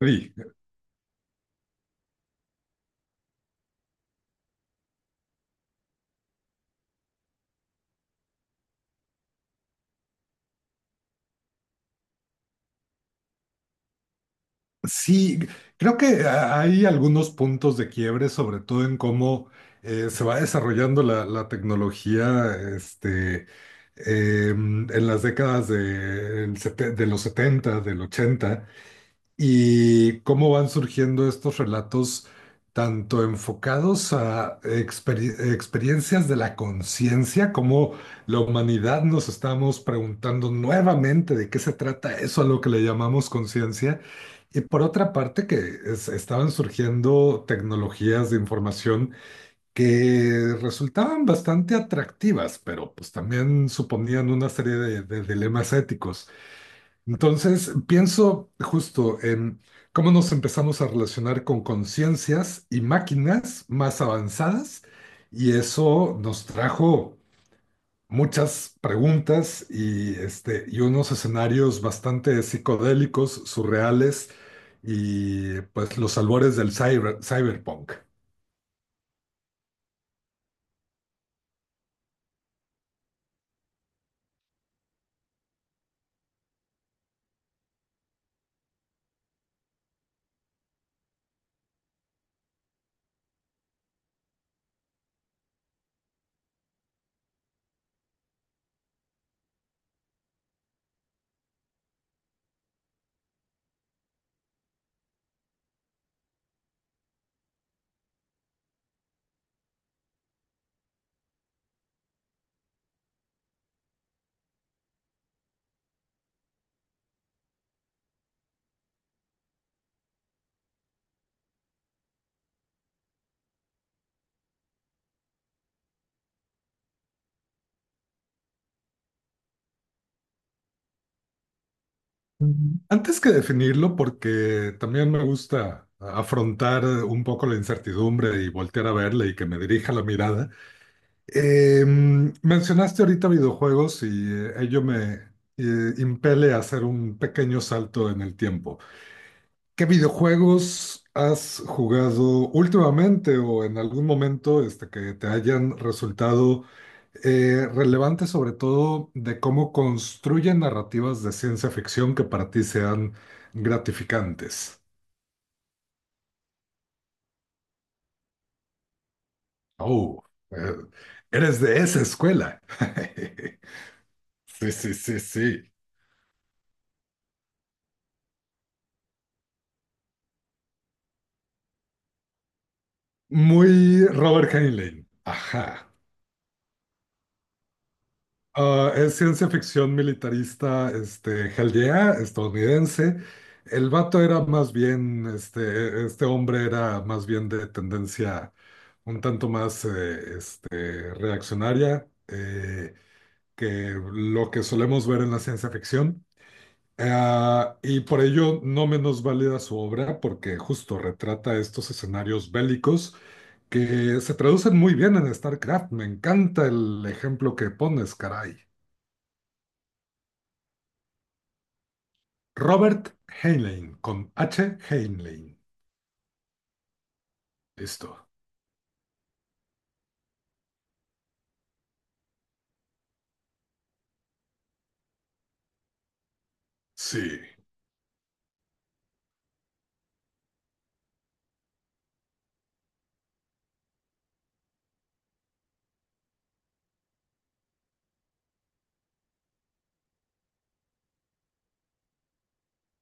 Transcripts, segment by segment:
Sí, sí, creo que hay algunos puntos de quiebre, sobre todo en cómo se va desarrollando la tecnología este, en las décadas del de, los 70, del 80. Y cómo van surgiendo estos relatos tanto enfocados a experiencias de la conciencia, como la humanidad nos estamos preguntando nuevamente de qué se trata eso a lo que le llamamos conciencia, y por otra parte que estaban surgiendo tecnologías de información que resultaban bastante atractivas, pero pues también suponían una serie de dilemas éticos. Entonces, pienso justo en cómo nos empezamos a relacionar con conciencias y máquinas más avanzadas, y eso nos trajo muchas preguntas y, este, y unos escenarios bastante psicodélicos, surreales, y pues los albores del cyberpunk. Ujú. Antes que definirlo, porque también me gusta afrontar un poco la incertidumbre y voltear a verla y que me dirija la mirada. Eh, Mencionaste ahorita videojuegos y ello me impele a hacer un pequeño salto en el tiempo. ¿Qué videojuegos has jugado últimamente o en algún momento este, que te hayan resultado relevantes, sobre todo de cómo construyen narrativas de ciencia ficción que para ti sean gratificantes? Oh, eh, eres de esa escuela. Sí, sí, sí, sí. Muy Robert Heinlein. Ajá. Ah, es ciencia ficción militarista, este, hell yeah, estadounidense. El vato era más bien, este hombre era más bien de tendencia un tanto más este, reaccionaria. Que lo que solemos ver en la ciencia ficción. Ah, y por ello no menos válida su obra porque justo retrata estos escenarios bélicos que se traducen muy bien en StarCraft. Me encanta el ejemplo que pones, caray. Robert Heinlein, con H. Heinlein. Listo. Sí.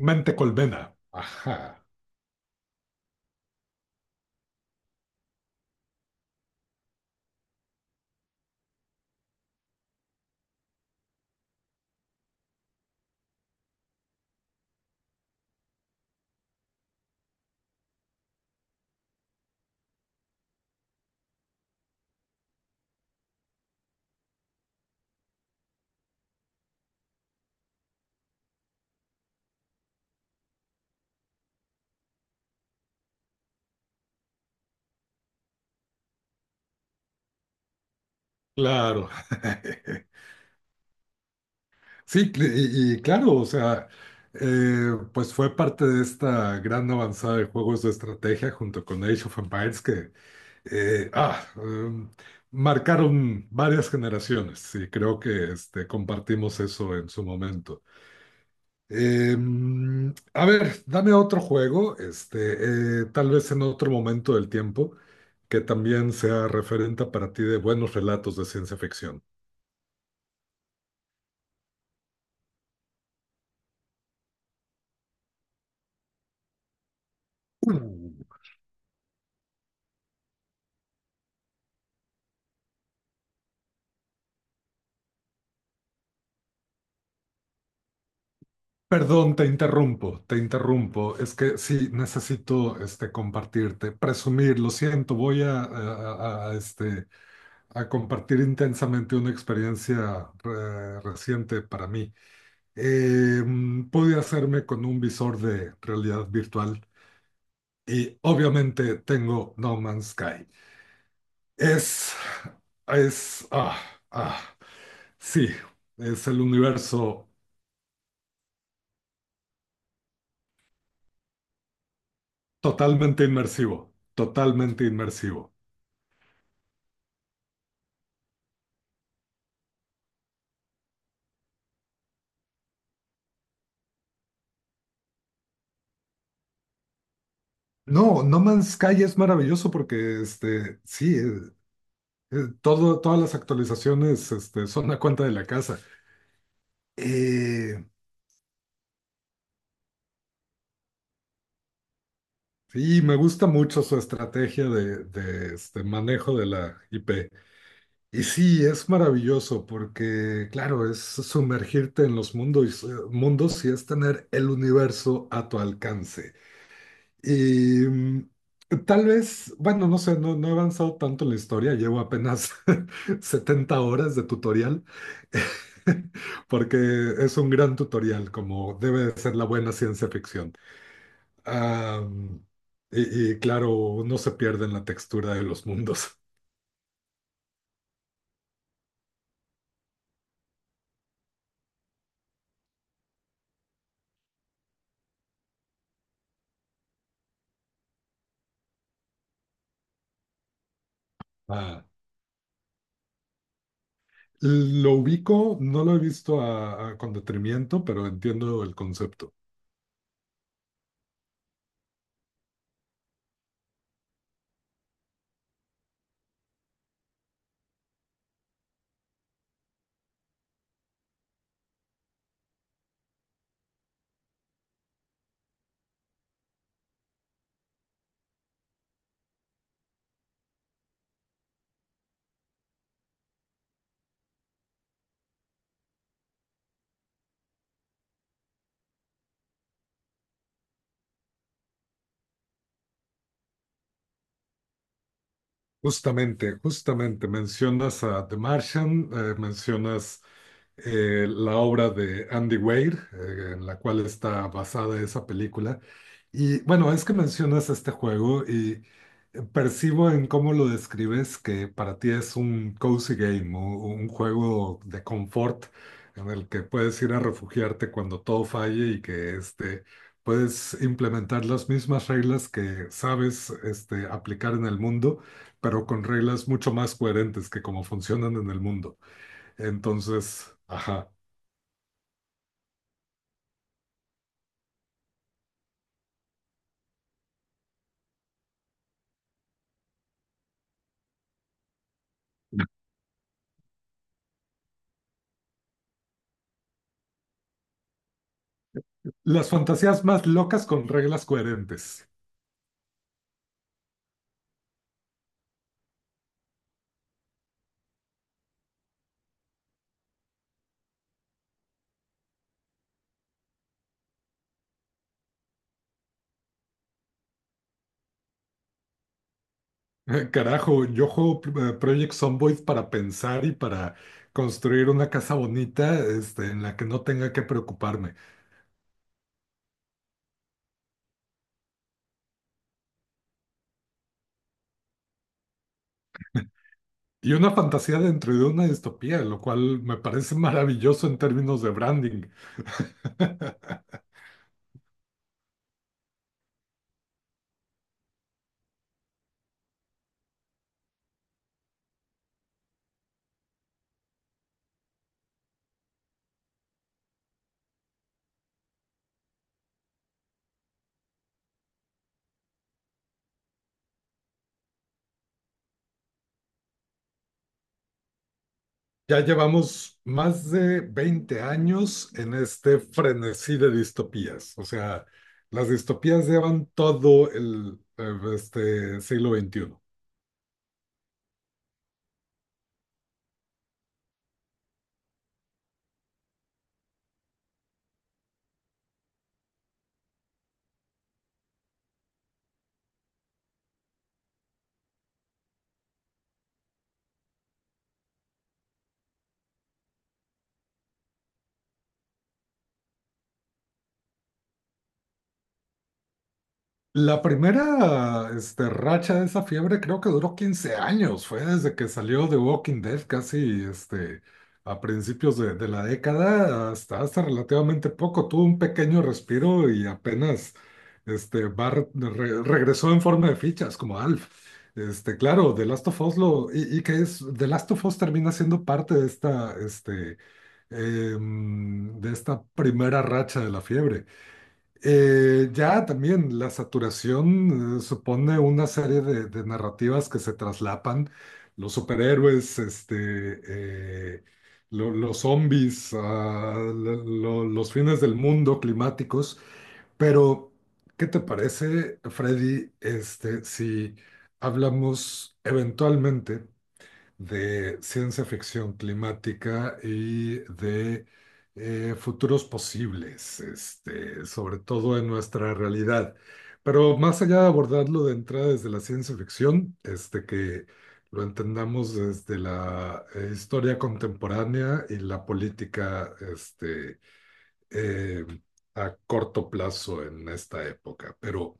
Mente colmena. Ajá. Claro. Sí, y claro, o sea, pues fue parte de esta gran avanzada de juegos de estrategia junto con Age of Empires que eh, ah, em, marcaron varias generaciones y creo que este, compartimos eso en su momento. Eh, a ver, dame otro juego, este, tal vez en otro momento del tiempo, que también sea referente para ti de buenos relatos de ciencia ficción. Mm. Perdón, te interrumpo, te interrumpo. Es que sí, necesito este, compartirte, presumir, lo siento, voy a, este, a compartir intensamente una experiencia reciente para mí. Pude hacerme con un visor de realidad virtual y obviamente tengo No Man's Sky. Es, es, ah, ah, sí, es el universo totalmente inmersivo, totalmente inmersivo. No, No Man's Sky es maravilloso porque, este, sí, todo, todas las actualizaciones, este, son a cuenta de la casa. Eh, sí, me gusta mucho su estrategia de, este, manejo de la IP. Y sí, es maravilloso porque, claro, es sumergirte en los mundos, mundos y es tener el universo a tu alcance. Y mm, tal vez, bueno, no sé, no, no he avanzado tanto en la historia, llevo apenas 70 horas de tutorial, porque es un gran tutorial, como debe de ser la buena ciencia ficción. Ah, y claro, no se pierde en la textura de los mundos. Ah, lo ubico, no lo he visto con detenimiento, pero entiendo el concepto. Justamente, justamente mencionas a The Martian, mencionas la obra de Andy Weir, en la cual está basada esa película. Y bueno, es que mencionas este juego y percibo en cómo lo describes que para ti es un cozy game, un juego de confort en el que puedes ir a refugiarte cuando todo falle y que este, puedes implementar las mismas reglas que sabes este, aplicar en el mundo pero con reglas mucho más coherentes que como funcionan en el mundo. Entonces, ajá. Las fantasías más locas con reglas coherentes. Carajo, yo juego Project Zomboid para pensar y para construir una casa bonita, este, en la que no tenga que preocuparme. Y una fantasía dentro de una distopía, lo cual me parece maravilloso en términos de branding. Ya llevamos más de 20 años en este frenesí de distopías. O sea, las distopías llevan todo el este siglo XXI. La primera este, racha de esa fiebre creo que duró 15 años, fue desde que salió The Walking Dead casi este, a principios de la década hasta relativamente poco, tuvo un pequeño respiro y apenas este, va regresó en forma de fichas como Alf. Este, claro, The Last of Us lo, y que es, The Last of Us termina siendo parte de esta, este, de esta primera racha de la fiebre. Ya también la saturación supone una serie de narrativas que se traslapan. Los superhéroes, este, eh, los zombies, ah, los fines del mundo climáticos. Pero, ¿qué te parece, Freddy, este, si hablamos eventualmente de ciencia ficción climática y de futuros posibles, este, sobre todo en nuestra realidad? Pero más allá de abordarlo de entrada desde la ciencia ficción, este, que lo entendamos desde la historia contemporánea y la política este, eh, a corto plazo en esta época. Pero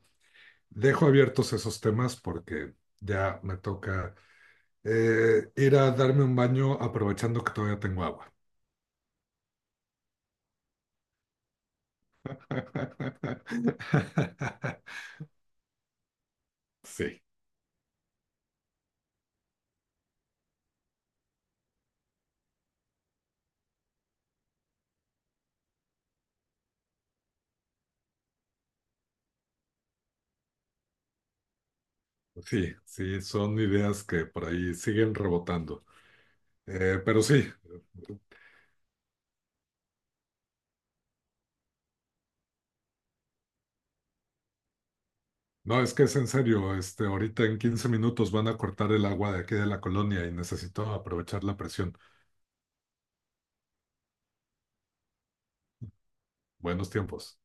dejo abiertos esos temas porque ya me toca ir a darme un baño aprovechando que todavía tengo agua. Sí, sí, sí, son ideas que por ahí siguen rebotando. Pero sí, no, es que es en serio, este, ahorita en 15 minutos van a cortar el agua de aquí de la colonia y necesito aprovechar la presión. Buenos tiempos.